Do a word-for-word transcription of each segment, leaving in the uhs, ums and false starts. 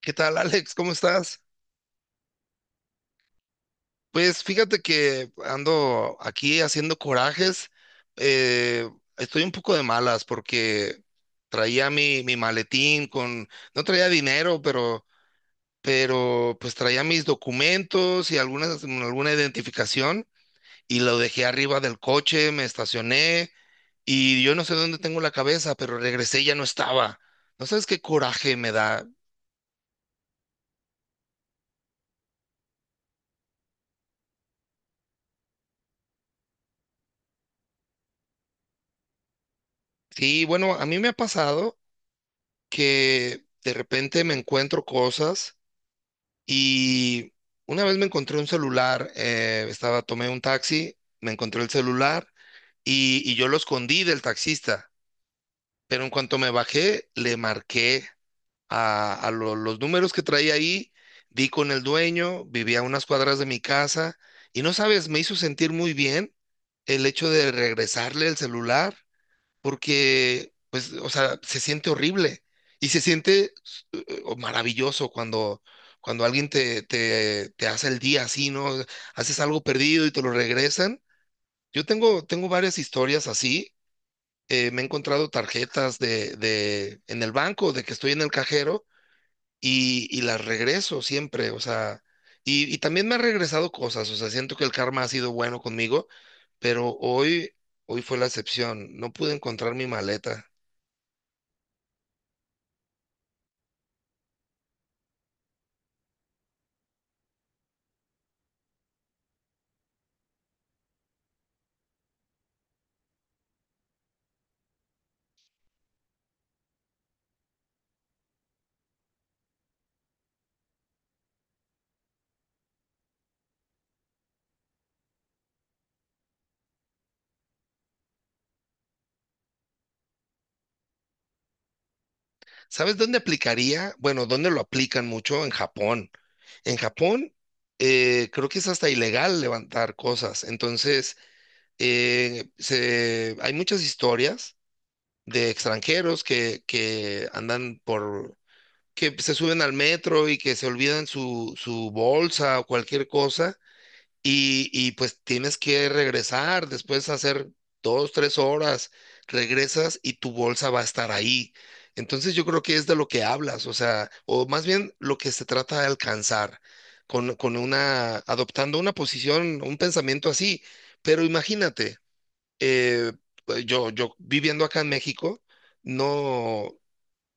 ¿Qué tal, Alex? ¿Cómo estás? Pues fíjate que ando aquí haciendo corajes. eh, Estoy un poco de malas porque traía mi, mi maletín con, no traía dinero, pero, pero pues traía mis documentos y algunas, alguna identificación y lo dejé arriba del coche, me estacioné y yo no sé dónde tengo la cabeza, pero regresé y ya no estaba. ¿No sabes qué coraje me da? Sí, bueno, a mí me ha pasado, que de repente me encuentro cosas y una vez me encontré un celular. Eh, estaba, tomé un taxi, me encontré el celular y, y yo lo escondí del taxista, pero en cuanto me bajé, le marqué a, a lo- los números que traía ahí, di con el dueño, vivía a unas cuadras de mi casa y no sabes, me hizo sentir muy bien el hecho de regresarle el celular porque, pues, o sea, se siente horrible y se siente eh, maravilloso cuando, cuando alguien te, te, te hace el día así, ¿no? Haces algo perdido y te lo regresan. Yo tengo, tengo varias historias así. Eh, me he encontrado tarjetas de, de, en el banco, de que estoy en el cajero y, y las regreso siempre. O sea, y, y también me ha regresado cosas, o sea, siento que el karma ha sido bueno conmigo, pero hoy, hoy fue la excepción. No pude encontrar mi maleta. ¿Sabes dónde aplicaría? Bueno, ¿dónde lo aplican mucho? En Japón. En Japón, eh, creo que es hasta ilegal levantar cosas. Entonces, eh, se- hay muchas historias de extranjeros que, que andan por, que se suben al metro y que se olvidan su, su bolsa o cualquier cosa y, y pues tienes que regresar después de hacer dos, tres horas, regresas y tu bolsa va a estar ahí. Entonces yo creo que es de lo que hablas, o sea, o más bien lo que se trata de alcanzar con, con una, adoptando una posición, un pensamiento así. Pero imagínate, eh, pues, yo, yo viviendo acá en México, no,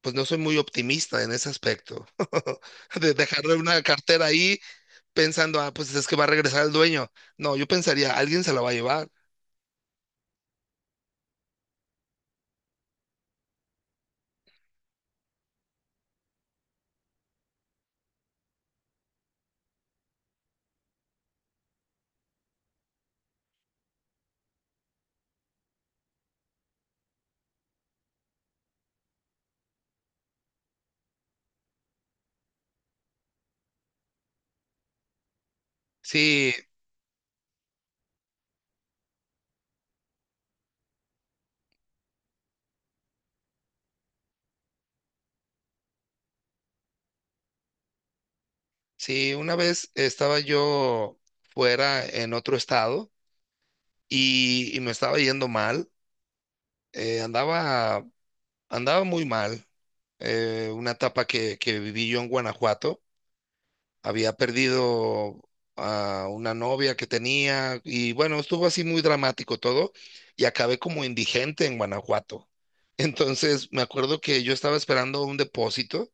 pues no soy muy optimista en ese aspecto. De dejarle una cartera ahí pensando, ah, pues es que va a regresar el dueño. No, yo pensaría, alguien se la va a llevar. Sí, sí, una vez estaba yo fuera en otro estado y, y me estaba yendo mal, eh, andaba, andaba muy mal. Eh, una etapa que, que viví yo en Guanajuato, había perdido a una novia que tenía y bueno, estuvo así muy dramático todo y acabé como indigente en Guanajuato. Entonces me acuerdo que yo estaba esperando un depósito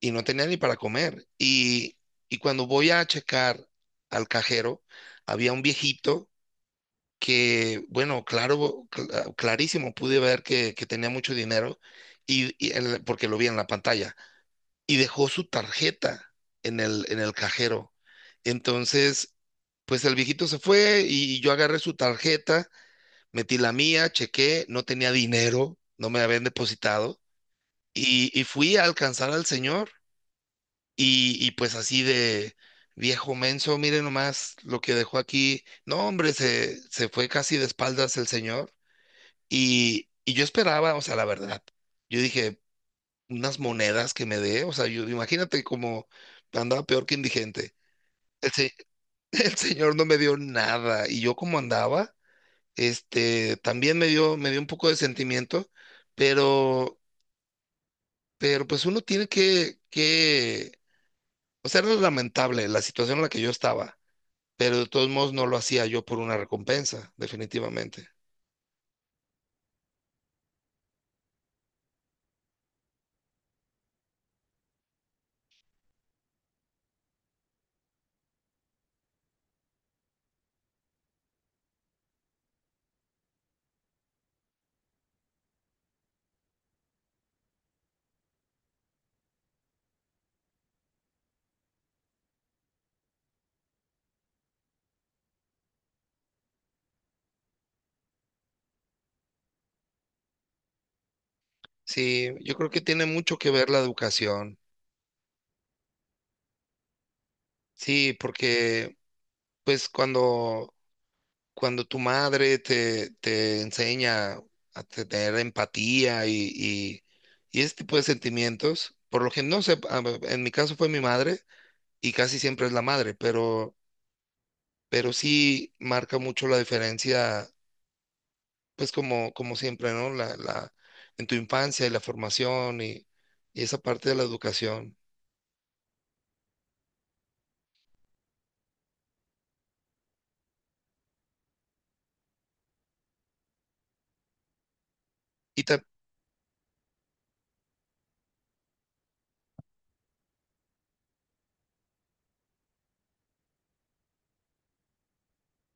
y no tenía ni para comer. Y, y cuando voy a checar al cajero, había un viejito que, bueno, claro, cl- ah, clarísimo, pude ver que, que tenía mucho dinero y, y él- porque lo vi en la pantalla y dejó su tarjeta en el, en el cajero. Entonces, pues el viejito se fue y yo agarré su tarjeta, metí la mía, chequé, no tenía dinero, no me habían depositado y, y fui a alcanzar al señor y, y pues así de viejo menso, mire nomás lo que dejó aquí. No, hombre, se, se fue casi de espaldas el señor. Y, y yo esperaba, o sea, la verdad, yo dije, unas monedas que me dé, o sea, yo imagínate como andaba peor que indigente. El, se- el señor no me dio nada y yo como andaba, este, también me dio, me dio un poco de sentimiento, pero, pero pues uno tiene que, que, o sea, era lamentable la situación en la que yo estaba, pero de todos modos no lo hacía yo por una recompensa, definitivamente. Sí, yo creo que tiene mucho que ver la educación. Sí, porque pues cuando, cuando tu madre te, te enseña a tener empatía y, y, y ese tipo de sentimientos, por lo que no sé, a- ver, en mi caso fue mi madre y casi siempre es la madre, pero, pero sí marca mucho la diferencia pues como, como siempre, ¿no? La, la, en tu infancia y la formación y, y esa parte de la educación. Y ta-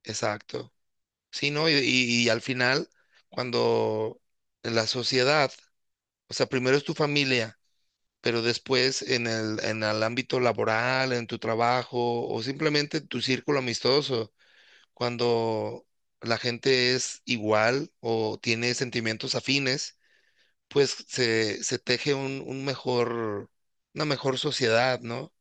exacto. Sí, ¿no? Y, y- y al final, cuando en la sociedad, o sea, primero es tu familia, pero después en el, en el ámbito laboral, en tu trabajo o simplemente tu círculo amistoso, cuando la gente es igual o tiene sentimientos afines, pues se, se teje un, un mejor, una mejor sociedad, ¿no?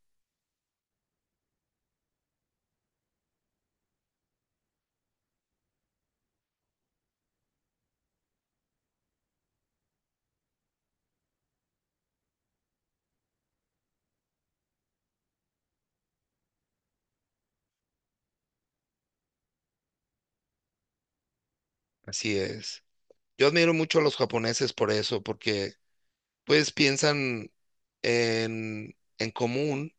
Así es. Yo admiro mucho a los japoneses por eso, porque pues piensan en, en común,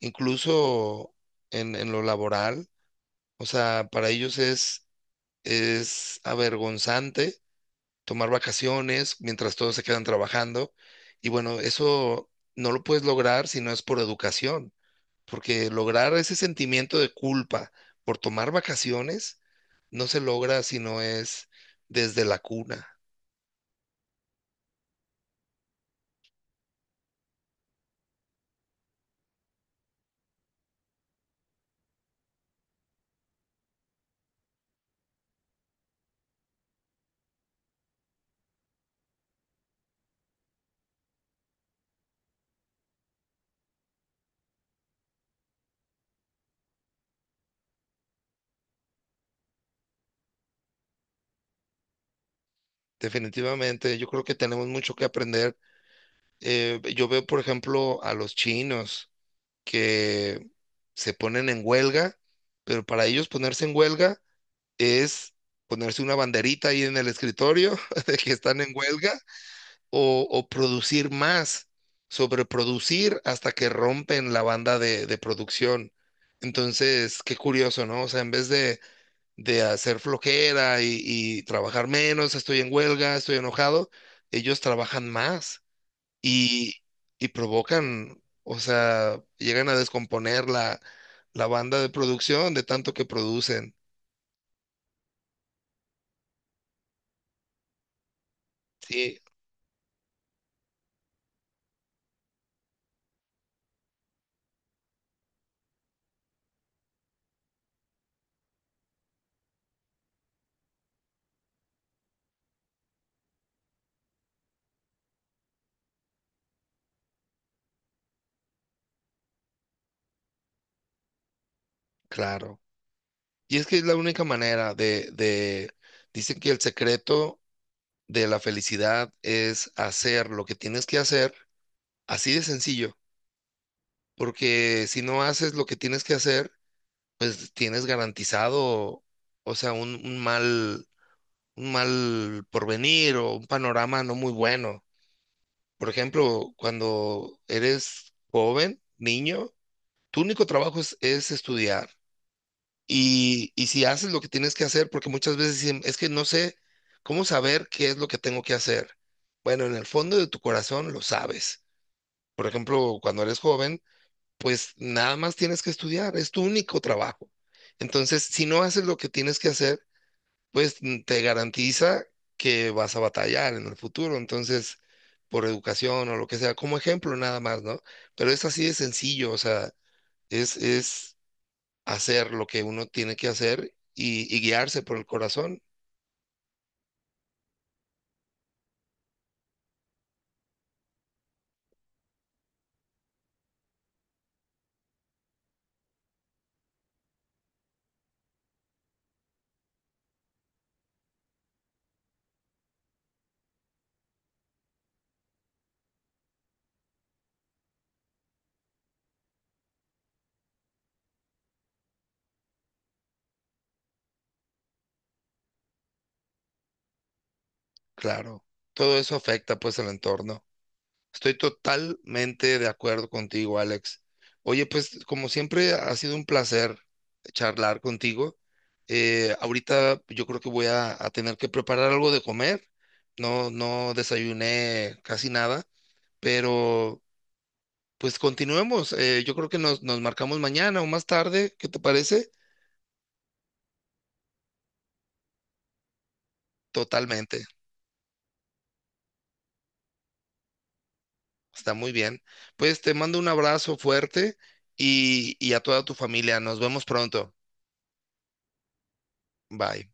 incluso en, en lo laboral. O sea, para ellos es, es avergonzante tomar vacaciones mientras todos se quedan trabajando. Y bueno, eso no lo puedes lograr si no es por educación, porque lograr ese sentimiento de culpa por tomar vacaciones no se logra si no es desde la cuna. Definitivamente, yo creo que tenemos mucho que aprender. Eh, yo veo, por ejemplo, a los chinos que se ponen en huelga, pero para ellos ponerse en huelga es ponerse una banderita ahí en el escritorio de que están en huelga o, o producir más, sobreproducir hasta que rompen la banda de, de producción. Entonces, qué curioso, ¿no? O sea, en vez de, de hacer flojera y, y trabajar menos, estoy en huelga, estoy enojado, ellos trabajan más y, y provocan, o sea, llegan a descomponer la, la banda de producción de tanto que producen. Sí, claro. Y es que es la única manera de, de, dicen que el secreto de la felicidad es hacer lo que tienes que hacer, así de sencillo, porque si no haces lo que tienes que hacer, pues tienes garantizado, o sea, un, un mal, un mal porvenir o un panorama no muy bueno. Por ejemplo, cuando eres joven, niño, tu único trabajo es, es estudiar. Y, y si haces lo que tienes que hacer, porque muchas veces dicen, es que no sé cómo saber qué es lo que tengo que hacer. Bueno, en el fondo de tu corazón lo sabes. Por ejemplo, cuando eres joven, pues nada más tienes que estudiar, es tu único trabajo. Entonces, si no haces lo que tienes que hacer, pues mm, te garantiza que vas a batallar en el futuro. Entonces, por educación o lo que sea, como ejemplo nada más, ¿no? Pero es así de sencillo, o sea, es, es hacer lo que uno tiene que hacer y, y guiarse por el corazón, claro. Todo eso afecta pues el entorno. Estoy totalmente de acuerdo contigo, Alex. Oye, pues como siempre ha sido un placer charlar contigo. Eh, ahorita yo creo que voy a, a tener que preparar algo de comer. No, no desayuné casi nada, pero pues continuemos. Eh, yo creo que nos, nos marcamos mañana o más tarde. ¿Qué te parece? Totalmente. Está muy bien. Pues te mando un abrazo fuerte y, y a toda tu familia. Nos vemos pronto. Bye.